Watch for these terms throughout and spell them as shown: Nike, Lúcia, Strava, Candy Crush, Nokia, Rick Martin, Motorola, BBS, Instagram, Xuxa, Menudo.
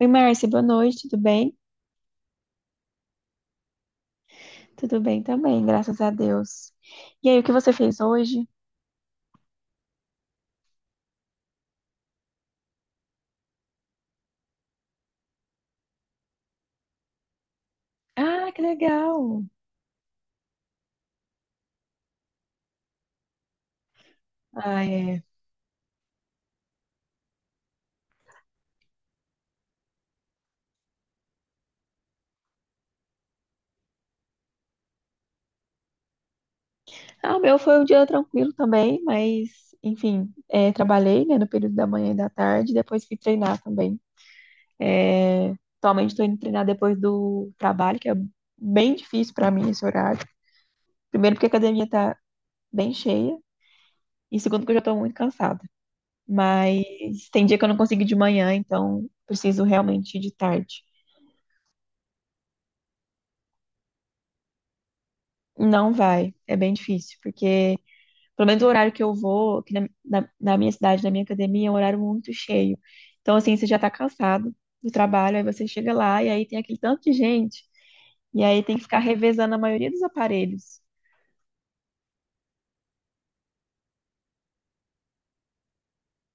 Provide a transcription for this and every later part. Oi, Márcia, boa noite, tudo bem? Tudo bem também, graças a Deus. E aí, o que você fez hoje? Ah, que legal! Ah, é. Ah, o meu foi um dia tranquilo também, mas, enfim, é, trabalhei, né, no período da manhã e da tarde, depois fui treinar também. É, atualmente estou indo treinar depois do trabalho, que é bem difícil para mim esse horário. Primeiro, porque a academia tá bem cheia, e segundo, porque eu já estou muito cansada. Mas tem dia que eu não consigo ir de manhã, então preciso realmente ir de tarde. Não vai, é bem difícil, porque pelo menos o horário que eu vou, aqui na minha cidade, na minha academia, é um horário muito cheio. Então, assim, você já tá cansado do trabalho, aí você chega lá e aí tem aquele tanto de gente, e aí tem que ficar revezando a maioria dos aparelhos,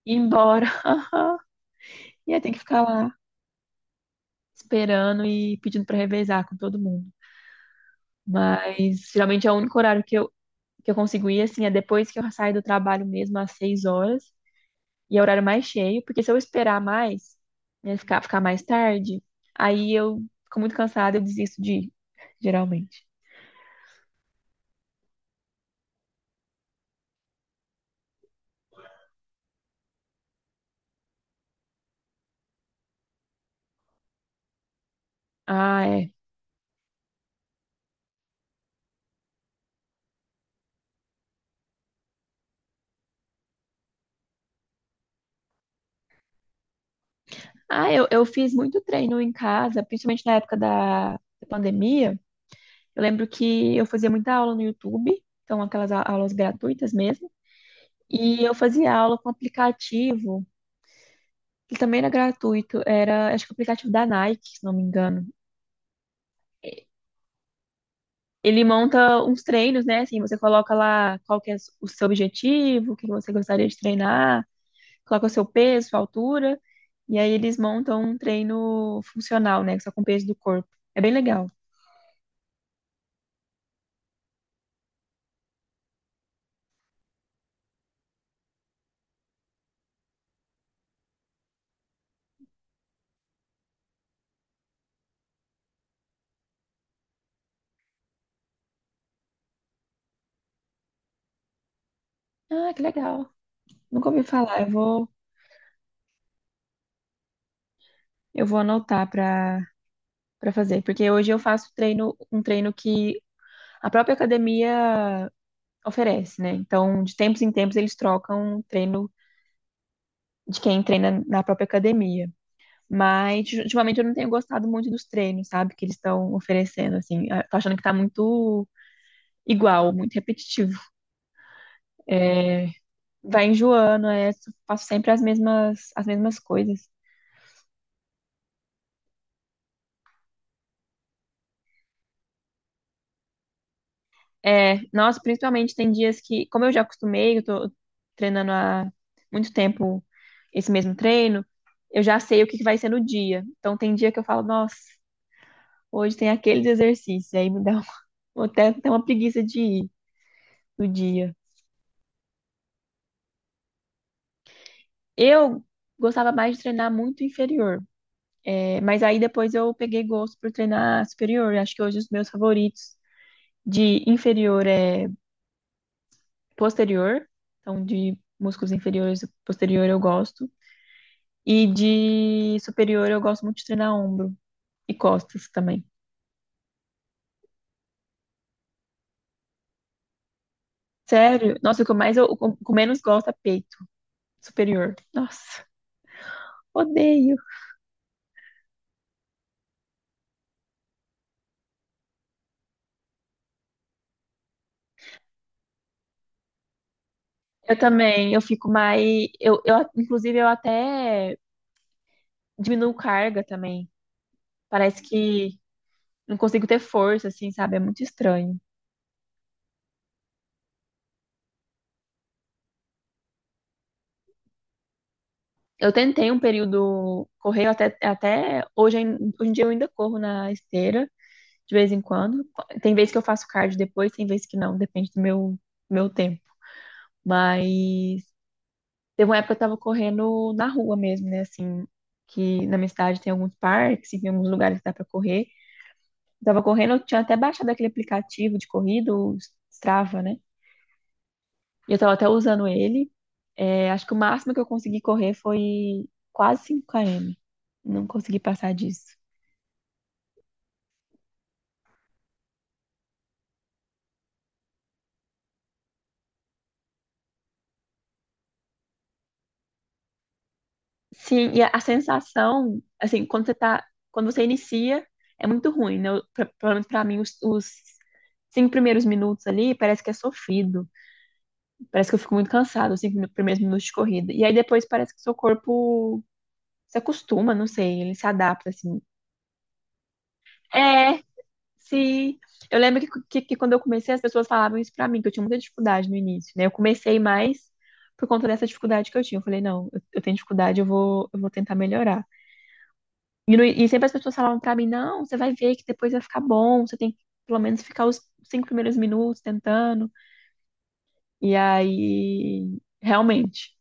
ir embora. E aí tem que ficar lá esperando e pedindo para revezar com todo mundo. Mas geralmente é o único horário que eu consigo ir, assim, é depois que eu saio do trabalho mesmo, às seis horas. E é horário mais cheio, porque se eu esperar mais, né, ficar mais tarde, aí eu fico muito cansada, eu desisto de ir, geralmente. Ah, é. Ah, eu fiz muito treino em casa, principalmente na época da pandemia. Eu lembro que eu fazia muita aula no YouTube, então aquelas aulas gratuitas mesmo. E eu fazia aula com aplicativo, que também era gratuito, era, acho que o aplicativo da Nike, se não me engano. Ele monta uns treinos, né? Assim, você coloca lá qual que é o seu objetivo, o que você gostaria de treinar, coloca o seu peso, sua altura, e aí eles montam um treino funcional, né? Só com o peso do corpo. É bem legal. Ah, que legal. Nunca ouvi falar. Eu vou anotar para fazer, porque hoje eu faço treino, um treino que a própria academia oferece, né? Então, de tempos em tempos eles trocam um treino de quem treina na própria academia. Mas ultimamente eu não tenho gostado muito dos treinos, sabe? Que eles estão oferecendo, assim. Eu tô achando que tá muito igual, muito repetitivo. Vai enjoando, é, faço sempre as mesmas coisas. É, nossa, principalmente tem dias que, como eu já acostumei, eu tô treinando há muito tempo esse mesmo treino, eu já sei o que que vai ser no dia. Então tem dia que eu falo, nossa, hoje tem aqueles exercícios, aí me dá até uma preguiça de ir no dia. Eu gostava mais de treinar muito inferior. É, mas aí depois eu peguei gosto por treinar superior. Acho que hoje os meus favoritos de inferior é posterior. Então, de músculos inferiores e posterior eu gosto. E de superior eu gosto muito de treinar ombro e costas também. Sério? Nossa, o que eu menos gosto é peito superior. Nossa, odeio. Eu também, eu fico mais. Inclusive, eu até diminuo carga também. Parece que não consigo ter força, assim, sabe? É muito estranho. Eu tentei um período correr, até hoje, hoje em dia eu ainda corro na esteira, de vez em quando. Tem vezes que eu faço cardio depois, tem vezes que não, depende do meu tempo. Mas teve uma época que eu tava correndo na rua mesmo, né? Assim, que na minha cidade tem alguns parques, e tem alguns lugares que dá pra correr. Eu tava correndo, eu tinha até baixado aquele aplicativo de corrida, o Strava, né? E eu tava até usando ele. É, acho que o máximo que eu consegui correr foi quase 5 km. Não consegui passar disso. Sim, e a sensação, assim, quando você inicia, é muito ruim, né? Pelo menos pra mim, os cinco primeiros minutos ali, parece que é sofrido. Parece que eu fico muito cansado, os cinco primeiros minutos de corrida. E aí depois parece que o seu corpo se acostuma, não sei, ele se adapta, assim. É, sim. Eu lembro que quando eu comecei, as pessoas falavam isso pra mim, que eu tinha muita dificuldade no início, né? Eu comecei mais por conta dessa dificuldade que eu tinha. Eu falei, não, eu tenho dificuldade, eu vou tentar melhorar. E, sempre as pessoas falavam pra mim, não, você vai ver que depois vai ficar bom, você tem que pelo menos ficar os cinco primeiros minutos tentando. E aí, realmente.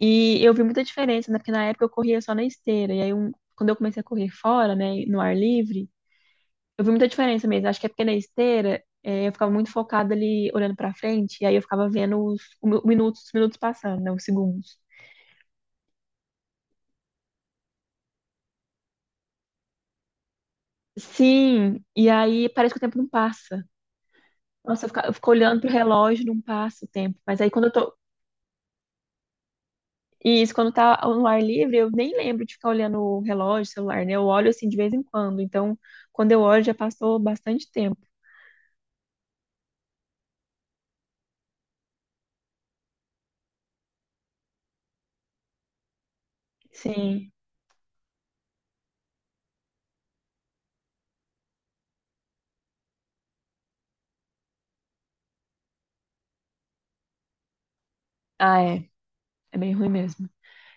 E eu vi muita diferença, né? Porque na época eu corria só na esteira. E aí, quando eu comecei a correr fora, né, no ar livre, eu vi muita diferença mesmo. Acho que é porque na esteira, eu ficava muito focada ali olhando pra frente, e aí eu ficava vendo os minutos passando, né? Os segundos. Sim, e aí parece que o tempo não passa. Nossa, eu fico olhando pro relógio, não passa o tempo. Mas aí quando eu tô. E isso, quando tá no ar livre, eu nem lembro de ficar olhando o relógio, celular, né? Eu olho assim de vez em quando. Então, quando eu olho, já passou bastante tempo. Sim. Ah, é. É bem ruim mesmo.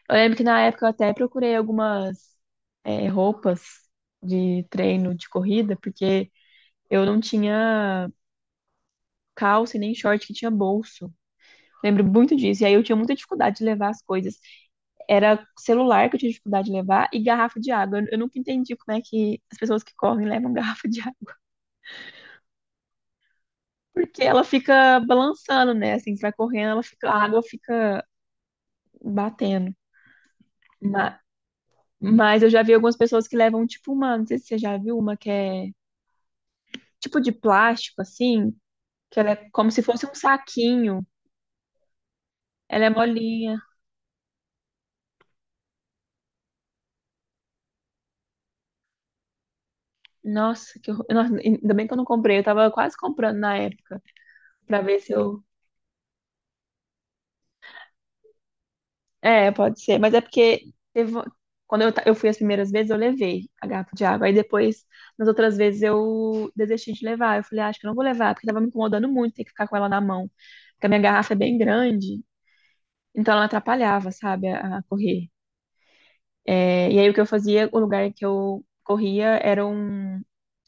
Eu lembro que na época eu até procurei algumas roupas de treino de corrida, porque eu não tinha calça e nem short que tinha bolso. Lembro muito disso. E aí eu tinha muita dificuldade de levar as coisas. Era celular que eu tinha dificuldade de levar e garrafa de água. Eu nunca entendi como é que as pessoas que correm levam garrafa de água. Porque ela fica balançando, né? Assim, você vai correndo, a água fica batendo. Ma- Mas, eu já vi algumas pessoas que levam, tipo, uma, não sei se você já viu uma que é tipo de plástico, assim, que ela é como se fosse um saquinho. Ela é molinha. Nossa, que horror. Nossa, ainda bem que eu não comprei. Eu tava quase comprando na época pra ver se eu. É, pode ser, mas é porque teve- eu fui as primeiras vezes, eu levei a garrafa de água. Aí depois, nas outras vezes, eu desisti de levar. Eu falei, "Ah, acho que eu não vou levar, porque tava me incomodando muito ter que ficar com ela na mão. Porque a minha garrafa é bem grande, então ela atrapalhava, sabe, a correr. É, e aí o que eu fazia, o lugar que eu corria era um.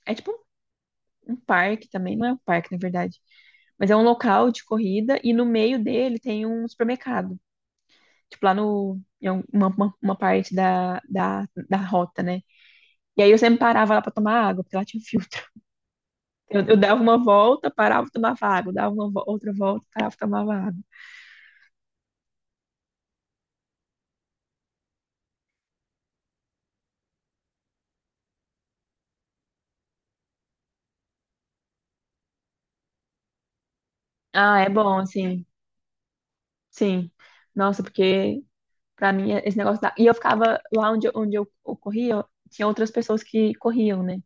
É tipo um parque também, não é um parque, na verdade. Mas é um local de corrida e no meio dele tem um supermercado. Tipo, lá no. em um- uma parte da rota, né? E aí eu sempre parava lá para tomar água, porque lá tinha filtro. Eu dava uma volta, parava, tomava água, dava uma outra volta, parava, tomava água. Ah, é bom, assim, sim. Nossa, porque para mim esse negócio da. E eu ficava lá onde eu corria, tinha outras pessoas que corriam, né?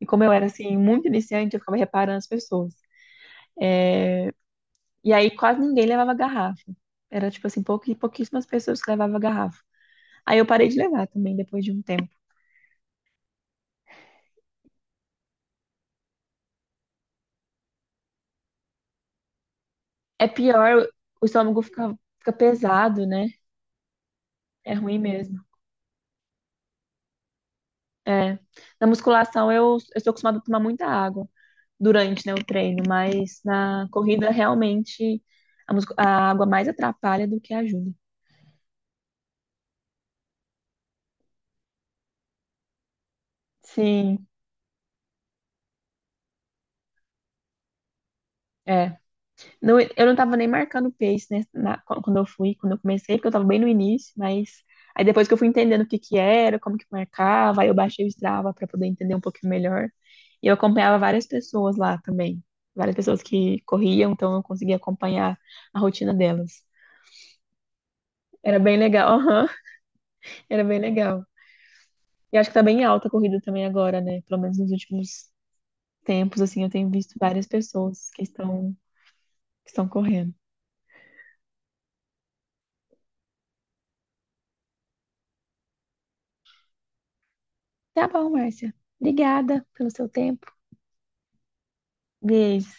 E como eu era, assim, muito iniciante, eu ficava reparando as pessoas. E aí quase ninguém levava garrafa. Era, tipo assim, pouquíssimas pessoas que levavam garrafa. Aí eu parei de levar também, depois de um tempo. É pior, o estômago fica pesado, né? É ruim mesmo. É. Na musculação eu estou acostumada a tomar muita água durante, né, o treino, mas na corrida realmente a água mais atrapalha do que ajuda. Sim, é. Não, eu não estava nem marcando pace, né, quando eu comecei, porque eu estava bem no início, mas aí depois que eu fui entendendo o que que era, como que marcava, aí eu baixei o Strava para poder entender um pouquinho melhor. E eu acompanhava várias pessoas lá também, várias pessoas que corriam, então eu conseguia acompanhar a rotina delas. Era bem legal. Era bem legal. E acho que tá bem alta a corrida também agora, né? Pelo menos nos últimos tempos, assim, eu tenho visto várias pessoas que estão correndo. Tá bom, Márcia. Obrigada pelo seu tempo. Beijo.